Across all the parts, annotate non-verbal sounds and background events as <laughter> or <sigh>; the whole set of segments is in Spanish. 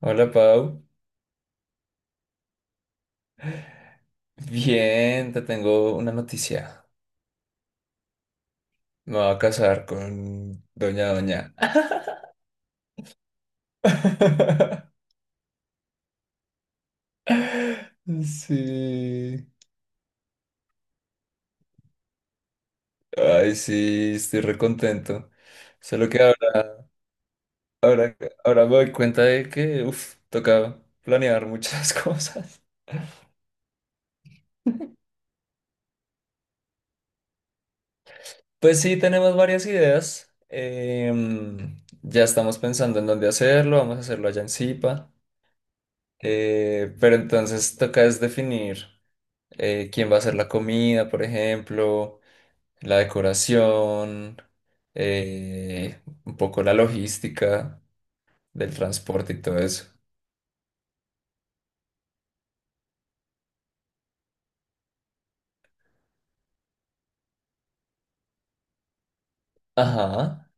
Hola Pau, bien, te tengo una noticia. Me voy a casar con Doña Doña. <laughs> Sí, ay, sí, estoy recontento. Solo que ahora, ahora, ahora me doy cuenta de que, uff, toca planear muchas <laughs> cosas. Pues sí, tenemos varias ideas. Ya estamos pensando en dónde hacerlo, vamos a hacerlo allá en Zipa. Pero entonces toca es definir. Quién va a hacer la comida, por ejemplo, la decoración, un poco la logística del transporte y todo eso. Ajá.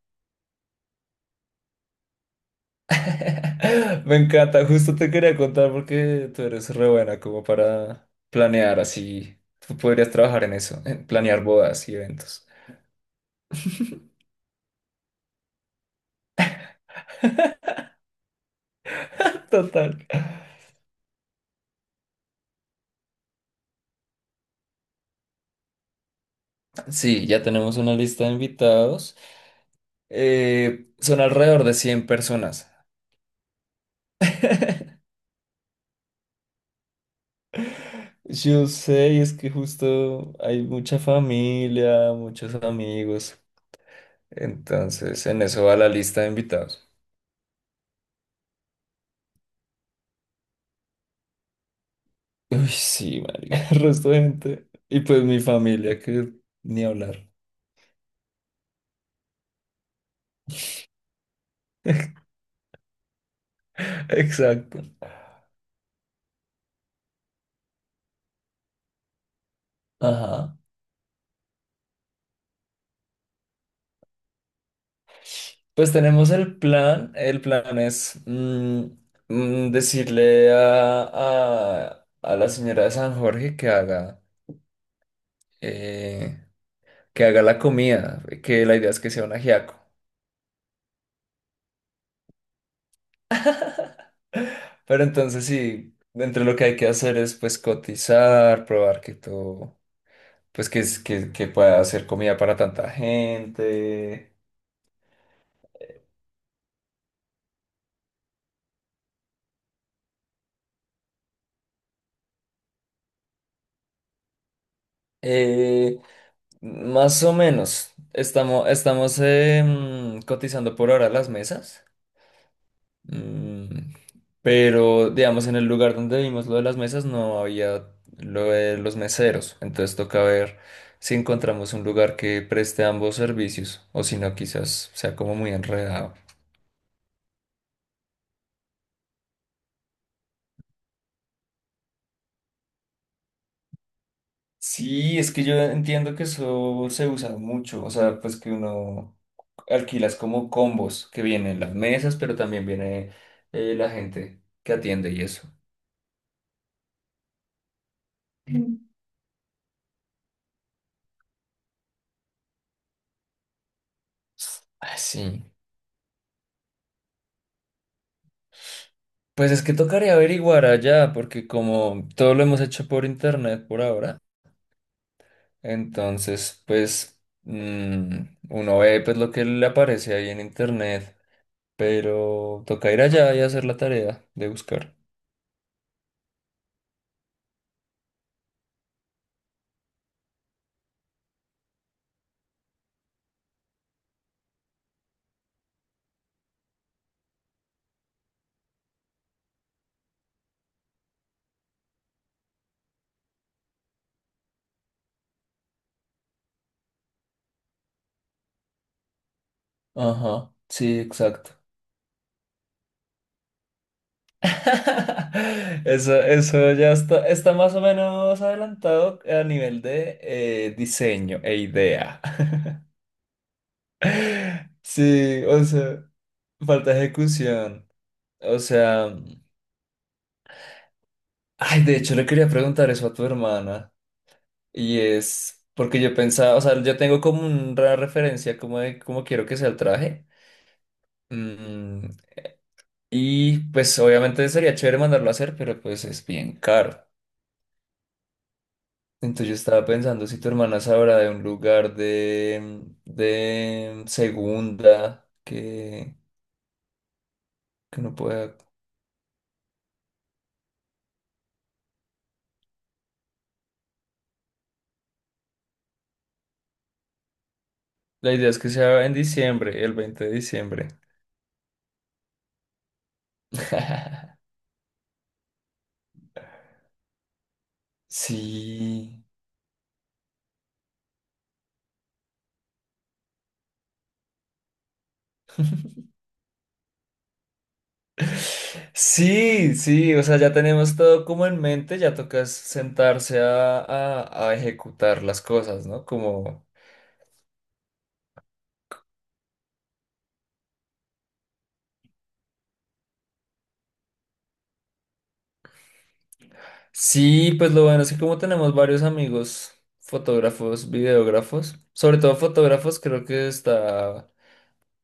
<laughs> Me encanta, justo te quería contar porque tú eres re buena como para planear así. Tú podrías trabajar en eso, en planear bodas y eventos. <laughs> Total. Sí, ya tenemos una lista de invitados. Son alrededor de 100 personas. <laughs> Yo sé, y es que justo hay mucha familia, muchos amigos. Entonces, en eso va la lista de invitados. Uy, sí, marica, <laughs> el resto de gente. Y pues mi familia, que ni hablar. <laughs> Exacto. Ajá. Pues tenemos el plan. El plan es decirle a, a la señora de San Jorge eh, que haga la comida, que la idea es que sea un ajiaco. Pero entonces sí, entre lo que hay que hacer es pues cotizar, probar que todo, pues que pueda hacer comida para tanta gente. Eh, Más o menos, estamos cotizando por ahora las mesas. Mm, pero digamos en el lugar donde vimos lo de las mesas no había lo de los meseros. Entonces toca ver si encontramos un lugar que preste ambos servicios o si no quizás sea como muy enredado. Sí, es que yo entiendo que eso se usa mucho, o sea, pues que uno alquilas como combos, que vienen las mesas, pero también viene la gente que atiende y eso. Mm. Ah, sí. Pues es que tocaría averiguar allá, porque como todo lo hemos hecho por internet por ahora, entonces pues uno ve pues lo que le aparece ahí en internet, pero toca ir allá y hacer la tarea de buscar. Ajá, sí, exacto. <laughs> Eso ya está, está más o menos adelantado a nivel de diseño e idea. <laughs> Sí, o sea, falta ejecución. O sea, ay, de hecho le quería preguntar eso a tu hermana. Y es porque yo pensaba, o sea, yo tengo como una referencia como de cómo quiero que sea el traje. Mm, y pues obviamente sería chévere mandarlo a hacer, pero pues es bien caro. Entonces yo estaba pensando si tu hermana sabrá de un lugar de segunda que no pueda. La idea es que sea en diciembre, el 20 de diciembre. <laughs> Sí. Sí, sí, o sea, ya tenemos todo como en mente, ya toca sentarse a, a ejecutar las cosas, ¿no? Como, sí, pues lo bueno es que como tenemos varios amigos, fotógrafos, videógrafos, sobre todo fotógrafos, creo que está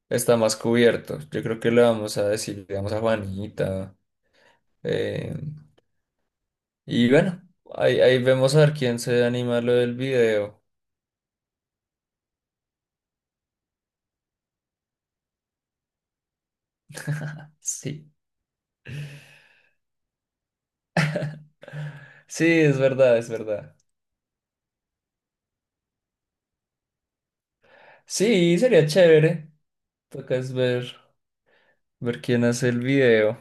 está más cubierto. Yo creo que le vamos a decir, digamos, a Juanita. eh, y bueno, ahí vemos a ver quién se anima a lo del video. Sí, sí, es verdad, es verdad. Sí, sería chévere. Toca es ver, ver quién hace el video.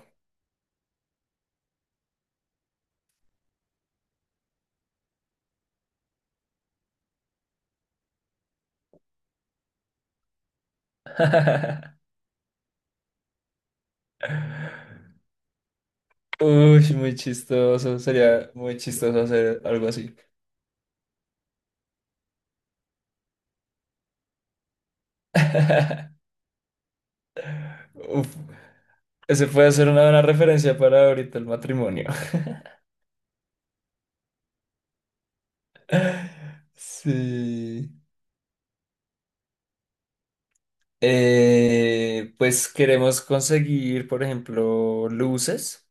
<laughs> Uy, muy chistoso. Sería muy chistoso hacer algo así. <laughs> Uf, ese puede ser una buena referencia para ahorita el matrimonio. <laughs> Sí. Pues queremos conseguir, por ejemplo, luces,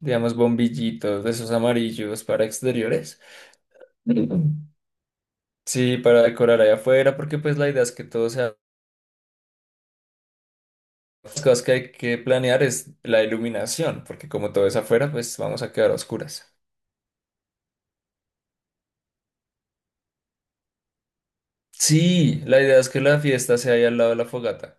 digamos bombillitos de esos amarillos para exteriores. <clears throat> Mm. Sí, para decorar allá afuera, porque pues la idea es que todo sea... Las cosas que hay que planear es la iluminación, porque como todo es afuera, pues vamos a quedar a oscuras. Sí, la idea es que la fiesta sea ahí al lado de la fogata.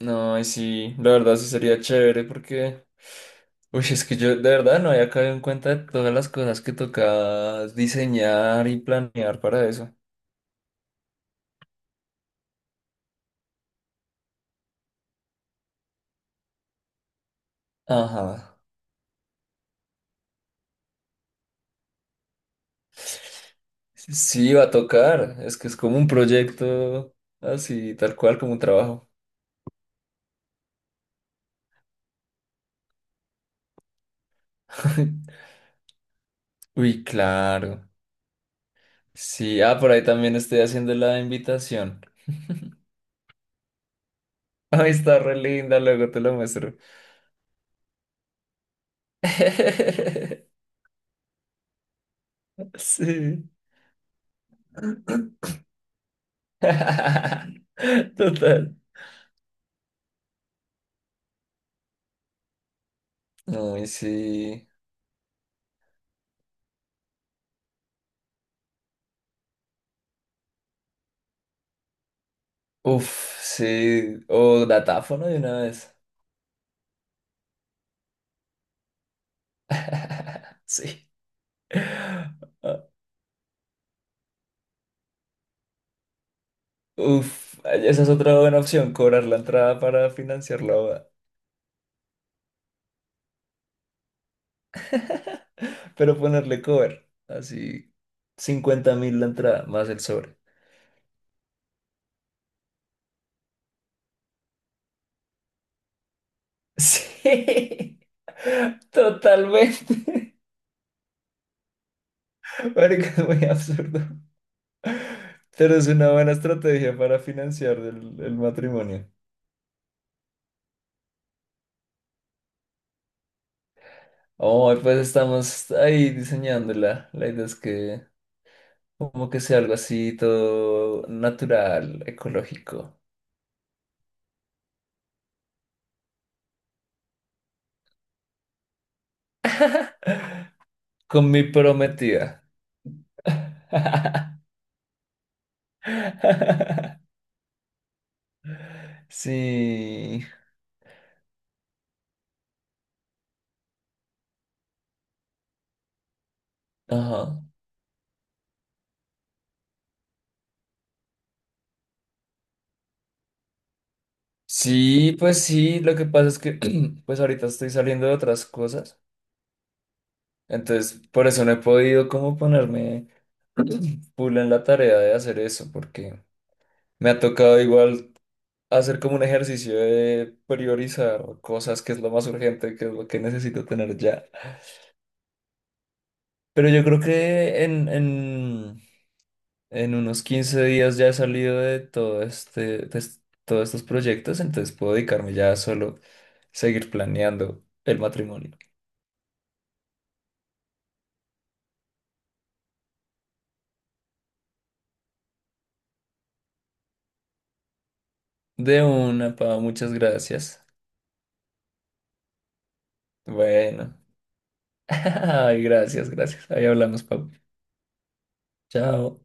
No, y sí, la verdad sí sería chévere porque... Uy, es que yo de verdad no había caído en cuenta de todas las cosas que toca diseñar y planear para eso. Ajá. Sí, va a tocar. Es que es como un proyecto así, tal cual, como un trabajo. <laughs> Uy, claro. Sí, ah, por ahí también estoy haciendo la invitación. <laughs> Ay, está re linda, luego te lo muestro. <laughs> Sí. <laughs> Total. No y sí. Uf, sí. O datáfono de una vez. <laughs> Sí. Uf, esa es otra buena opción, cobrar la entrada para financiar la boda. Pero ponerle cover, así 50.000 la entrada, más el sobre. Sí, <laughs> totalmente. <laughs> Marica, es muy absurdo. Pero es una buena estrategia para financiar el matrimonio. Oh, pues estamos ahí diseñándola. La idea es que como que sea algo así todo natural, ecológico. Con mi prometida. <laughs> Sí. Ajá. Sí, pues sí, lo que pasa es que <clears throat> pues ahorita estoy saliendo de otras cosas. Entonces, por eso no he podido como ponerme <clears throat> full en la tarea de hacer eso, porque me ha tocado igual hacer como un ejercicio de priorizar cosas que es lo más urgente, que es lo que necesito tener ya. Pero yo creo que en unos 15 días ya he salido de todo todos estos proyectos, entonces puedo dedicarme ya a solo seguir planeando el matrimonio. De una, Pau, muchas gracias. Bueno. <laughs> Ay, gracias, gracias. Ahí hablamos, Pau. Chao.